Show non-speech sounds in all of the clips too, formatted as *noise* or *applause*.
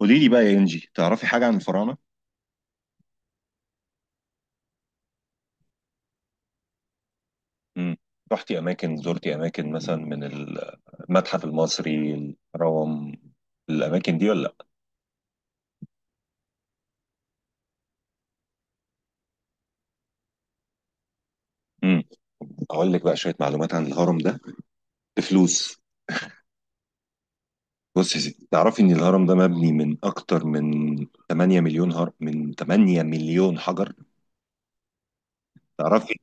قولي لي بقى يا انجي، تعرفي حاجه عن الفراعنه؟ امم رحتي اماكن، زرتي اماكن مثلا من المتحف المصري، الهرم، الاماكن دي ولا لا؟ امم اقول لك بقى شويه معلومات عن الهرم ده بفلوس. بص يا ستي، تعرفي ان الهرم ده مبني من اكتر من 8 مليون هر من 8 مليون حجر، تعرفي؟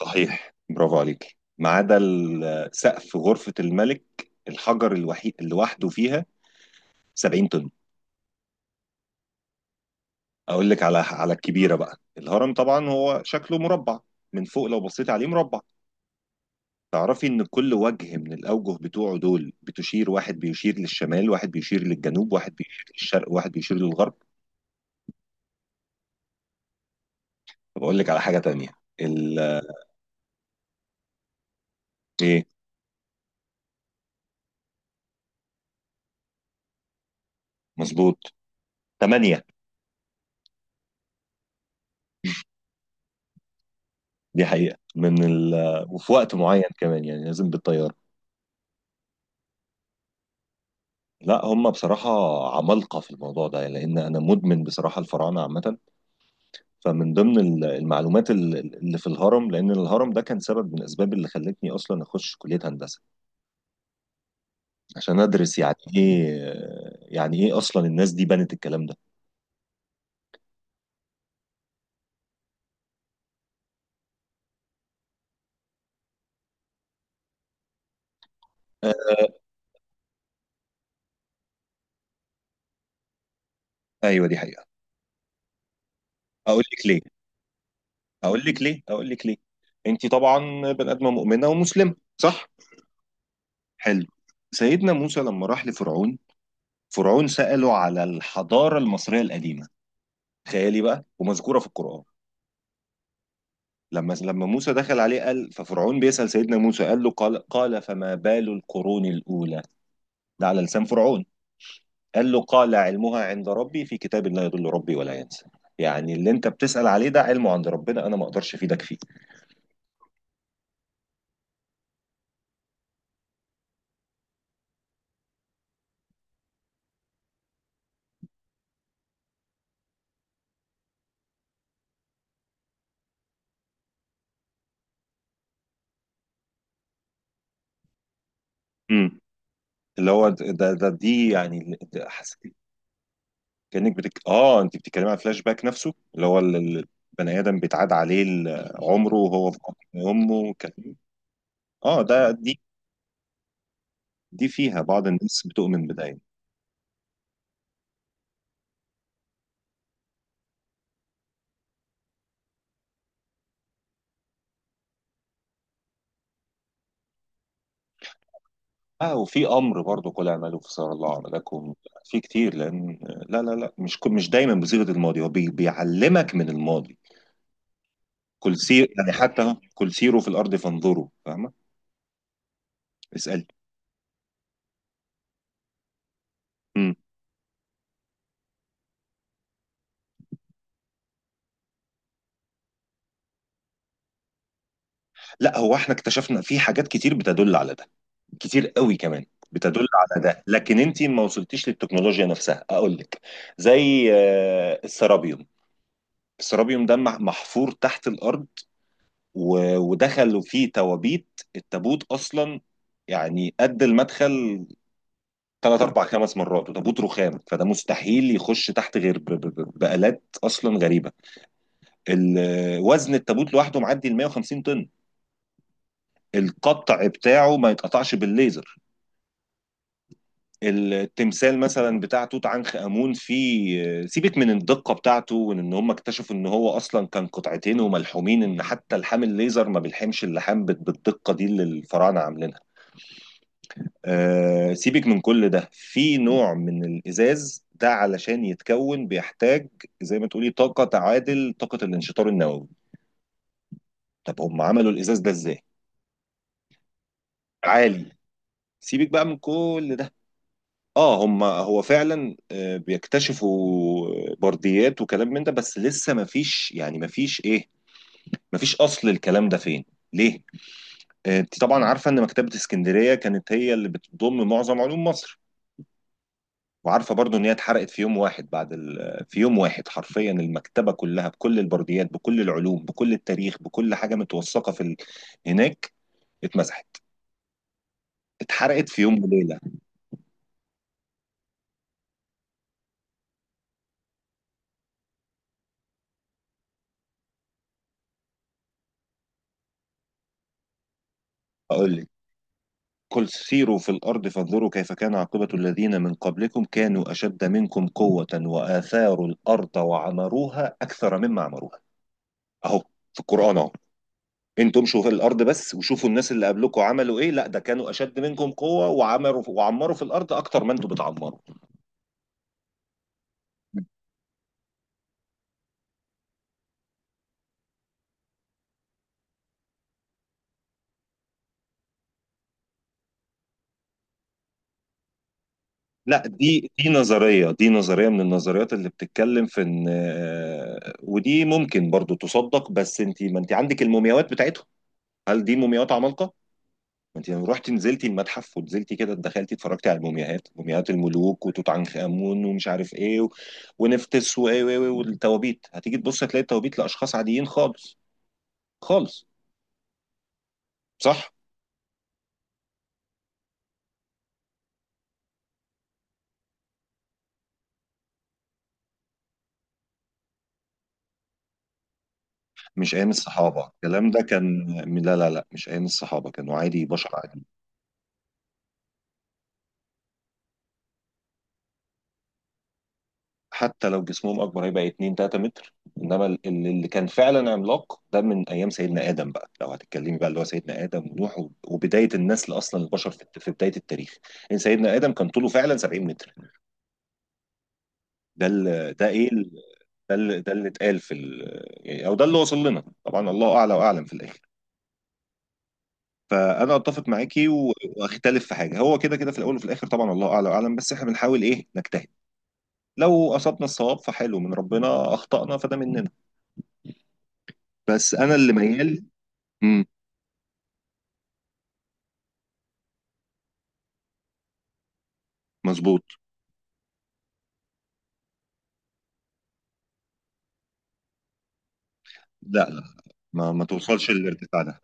صحيح، برافو عليك. ما عدا سقف غرفه الملك، الحجر الوحيد اللي وحده فيها 70 طن. اقول لك على الكبيره بقى. الهرم طبعا هو شكله مربع، من فوق لو بصيت عليه مربع. تعرفي ان كل وجه من الاوجه بتوعه دول واحد بيشير للشمال، واحد بيشير للجنوب، واحد بيشير للشرق، واحد بيشير للغرب. طب اقول لك على حاجه تانية. ال ايه؟ مظبوط، ثمانيه. دي حقيقه من ال وفي وقت معين كمان، يعني لازم بالطياره. لا، هم بصراحه عمالقه في الموضوع ده، لان انا مدمن بصراحه الفراعنه عامه. فمن ضمن المعلومات اللي في الهرم، لان الهرم ده كان سبب من الاسباب اللي خلتني اصلا اخش كليه هندسه عشان ادرس يعني ايه، يعني ايه اصلا الناس دي بنت الكلام ده. آه، ايوه، دي حقيقه. اقول لك ليه اقول لك ليه. انت طبعا بني ادمه مؤمنه ومسلمه، صح؟ حلو. سيدنا موسى لما راح لفرعون، فرعون سأله على الحضاره المصريه القديمه. تخيلي بقى، ومذكوره في القران. لما موسى دخل عليه، قال، ففرعون بيسأل سيدنا موسى، قال له، قال فما بال القرون الأولى. ده على لسان فرعون. قال له، قال علمها عند ربي في كتاب لا يضل ربي ولا ينسى. يعني اللي انت بتسأل عليه ده علمه عند ربنا، انا ما اقدرش افيدك فيه. امم اللي هو، ده ده دي يعني، ده حسيت كأنك بتك... اه انت بتتكلمي على فلاش باك نفسه، اللي هو البني ادم بيتعاد عليه عمره وهو في بطن امه كان... اه، دي، دي فيها بعض الناس بتؤمن بده يعني. اه وفي امر برضه، قل اعملوا فسار الله عملكم. في كتير لان، لا لا لا، مش دايما بصيغه الماضي، هو بيعلمك من الماضي، كل سير يعني، حتى كل سيروا في الارض فانظروا، فاهمه؟ اسال. امم لا، هو احنا اكتشفنا في حاجات كتير بتدل على ده، كتير قوي كمان بتدل على ده، لكن انت ما وصلتيش للتكنولوجيا نفسها، اقول لك. زي السرابيوم، السرابيوم ده محفور تحت الارض، ودخلوا فيه توابيت، التابوت اصلا يعني قد المدخل ثلاث اربع خمس مرات، وتابوت رخام، فده مستحيل يخش تحت غير بآلات اصلا غريبه. وزن التابوت لوحده معدي ال 150 طن، القطع بتاعه ما يتقطعش بالليزر. التمثال مثلا بتاع توت عنخ امون، فيه سيبك من الدقه بتاعته، إن هم اكتشفوا ان هو اصلا كان قطعتين وملحومين، ان حتى لحام الليزر ما بيلحمش اللحام بالدقه دي اللي الفراعنه عاملينها. سيبك من كل ده، في نوع من الإزاز ده علشان يتكون بيحتاج، زي ما تقولي، طاقة تعادل طاقة الانشطار النووي. طب هم عملوا الإزاز ده إزاي؟ عالي. سيبك بقى من كل ده. اه هم هو فعلا بيكتشفوا برديات وكلام من ده، بس لسه ما فيش يعني، ما فيش ايه، ما فيش اصل الكلام ده فين، ليه؟ انت طبعا عارفه ان مكتبه اسكندريه كانت هي اللي بتضم معظم علوم مصر. وعارفه برضو ان هي اتحرقت في يوم واحد بعد ال... آه، في يوم واحد حرفيا المكتبه كلها، بكل البرديات، بكل العلوم، بكل التاريخ، بكل حاجه متوثقه هناك، اتمسحت، اتحرقت في يوم وليله. اقول لك، قل سيروا في الارض فانظروا كيف كان عاقبه الذين من قبلكم، كانوا اشد منكم قوه واثاروا الارض وعمروها اكثر مما عمروها. اهو، في القران اهو. انتوا امشوا في الارض بس، وشوفوا الناس اللي قبلكم عملوا ايه. لا، ده كانوا اشد منكم قوه، وعمروا وعمروا في الارض اكتر ما انتوا بتعمروا. لا، دي نظرية، دي نظرية من النظريات اللي بتتكلم في ان، ودي ممكن برضو تصدق. بس انت، ما انت عندك المومياوات بتاعتهم، هل دي مومياوات عمالقة؟ ما انت لو رحتي نزلتي المتحف ونزلتي كده، دخلتي اتفرجتي على المومياوات، مومياوات الملوك وتوت عنخ امون ومش عارف ايه ونفتس والتوابيت، هتيجي تبصي هتلاقي التوابيت لاشخاص عاديين خالص، خالص، صح؟ مش ايام الصحابة الكلام ده كان، لا لا لا، مش ايام الصحابة، كانوا عادي، بشر عادي. حتى لو جسمهم اكبر هيبقى 2 3 متر. انما اللي كان فعلا عملاق ده من ايام سيدنا ادم بقى، لو هتتكلمي بقى، اللي هو سيدنا ادم ونوح وبدايه النسل اصلا البشر في بدايه التاريخ. ان سيدنا ادم كان طوله فعلا 70 متر، ده ال- ده ايه ال- ده ال- ده اللي اتقال يعني، او ده اللي وصل لنا، طبعا الله اعلى واعلم في الاخر. فانا اتفق معاكي واختلف في حاجه، هو كده كده في الاول وفي الاخر طبعا الله اعلى واعلم، بس احنا بنحاول ايه، نجتهد، لو اصبنا الصواب فحلو من ربنا، اخطانا فده مننا، بس انا اللي ميال. امم مظبوط. لا لا، ما توصلش للارتفاع ده.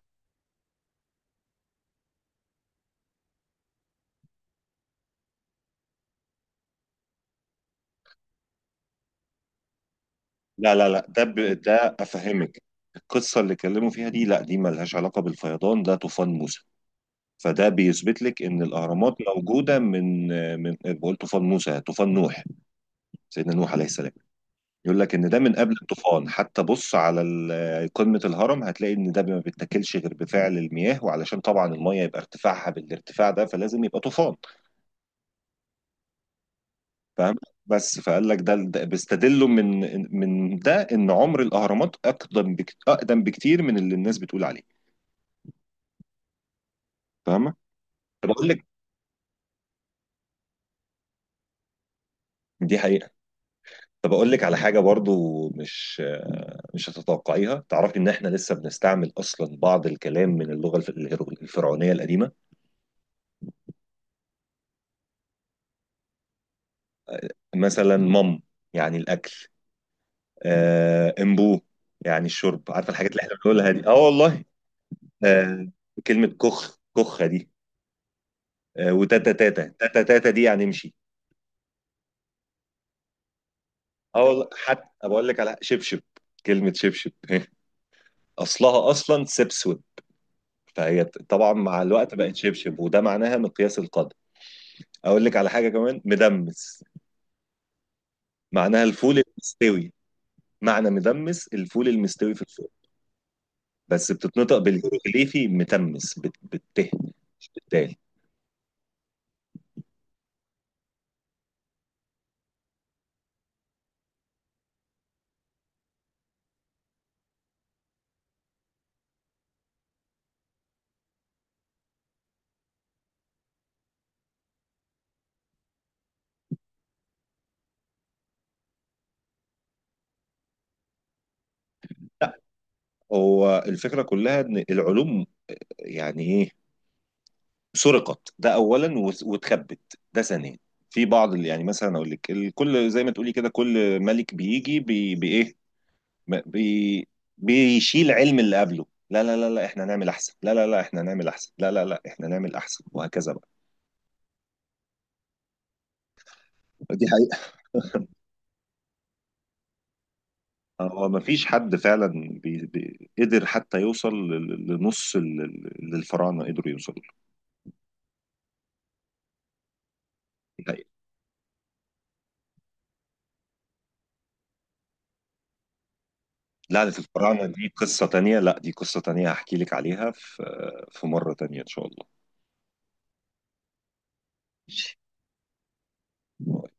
لا لا لا، ده افهمك. القصه اللي اتكلموا فيها دي، لا دي ملهاش علاقه بالفيضان، ده طوفان موسى. فده بيثبت لك ان الاهرامات موجوده من، بقول طوفان موسى، طوفان نوح، سيدنا نوح عليه السلام. يقول لك ان ده من قبل الطوفان. حتى بص على قمه الهرم، هتلاقي ان ده ما بيتاكلش غير بفعل المياه، وعلشان طبعا الميه يبقى ارتفاعها بالارتفاع ده فلازم يبقى طوفان، فاهم؟ بس فقال لك ده بيستدلوا من، ده ان عمر الاهرامات اقدم اقدم بكتير من اللي الناس بتقول عليه، فاهمه؟ طب اقول لك، دي حقيقه. طب اقول لك على حاجه برضو مش هتتوقعيها. تعرفي ان احنا لسه بنستعمل اصلا بعض الكلام من اللغه الفرعونيه القديمه. مثلا يعني الاكل، امبو يعني الشرب، عارفه الحاجات اللي احنا بنقولها دي؟ اه والله. آه، كلمه كخ كخه دي، وتاتا تاتا تاتا تاتا دي يعني امشي. اه والله، حتى بقول لك على شبشب، كلمة شبشب *laughs* أصلها أصلا سبسود، فهي طبعا مع الوقت بقت شبشب، وده معناها مقياس القدر. أقول لك على حاجة كمان، مدمس، معناها الفول المستوي، معنى مدمس الفول المستوي في الفرن. بس بتتنطق بالهيروغليفي متمس بالته، بالدال. لا، هو الفكرة كلها إن العلوم، يعني إيه، سرقت ده اولا، واتخبت ده ثانيا. في بعض اللي يعني مثلا، اقول لك، الكل زي ما تقولي كده، كل ملك بيجي بي بايه ب- بي بيشيل علم اللي قبله. لا لا لا لا احنا نعمل احسن، لا لا لا احنا نعمل احسن، لا لا لا احنا نعمل احسن، وهكذا بقى. دي حقيقة. هو ما فيش حد فعلا بي قدر حتى يوصل لنص اللي الفراعنه قدروا يوصلوا له. دي حقيقة، لعنة الفراعنة دي قصة تانية، لا دي قصة تانية، هحكي لك عليها في مرة تانية ان شاء الله. ماشي.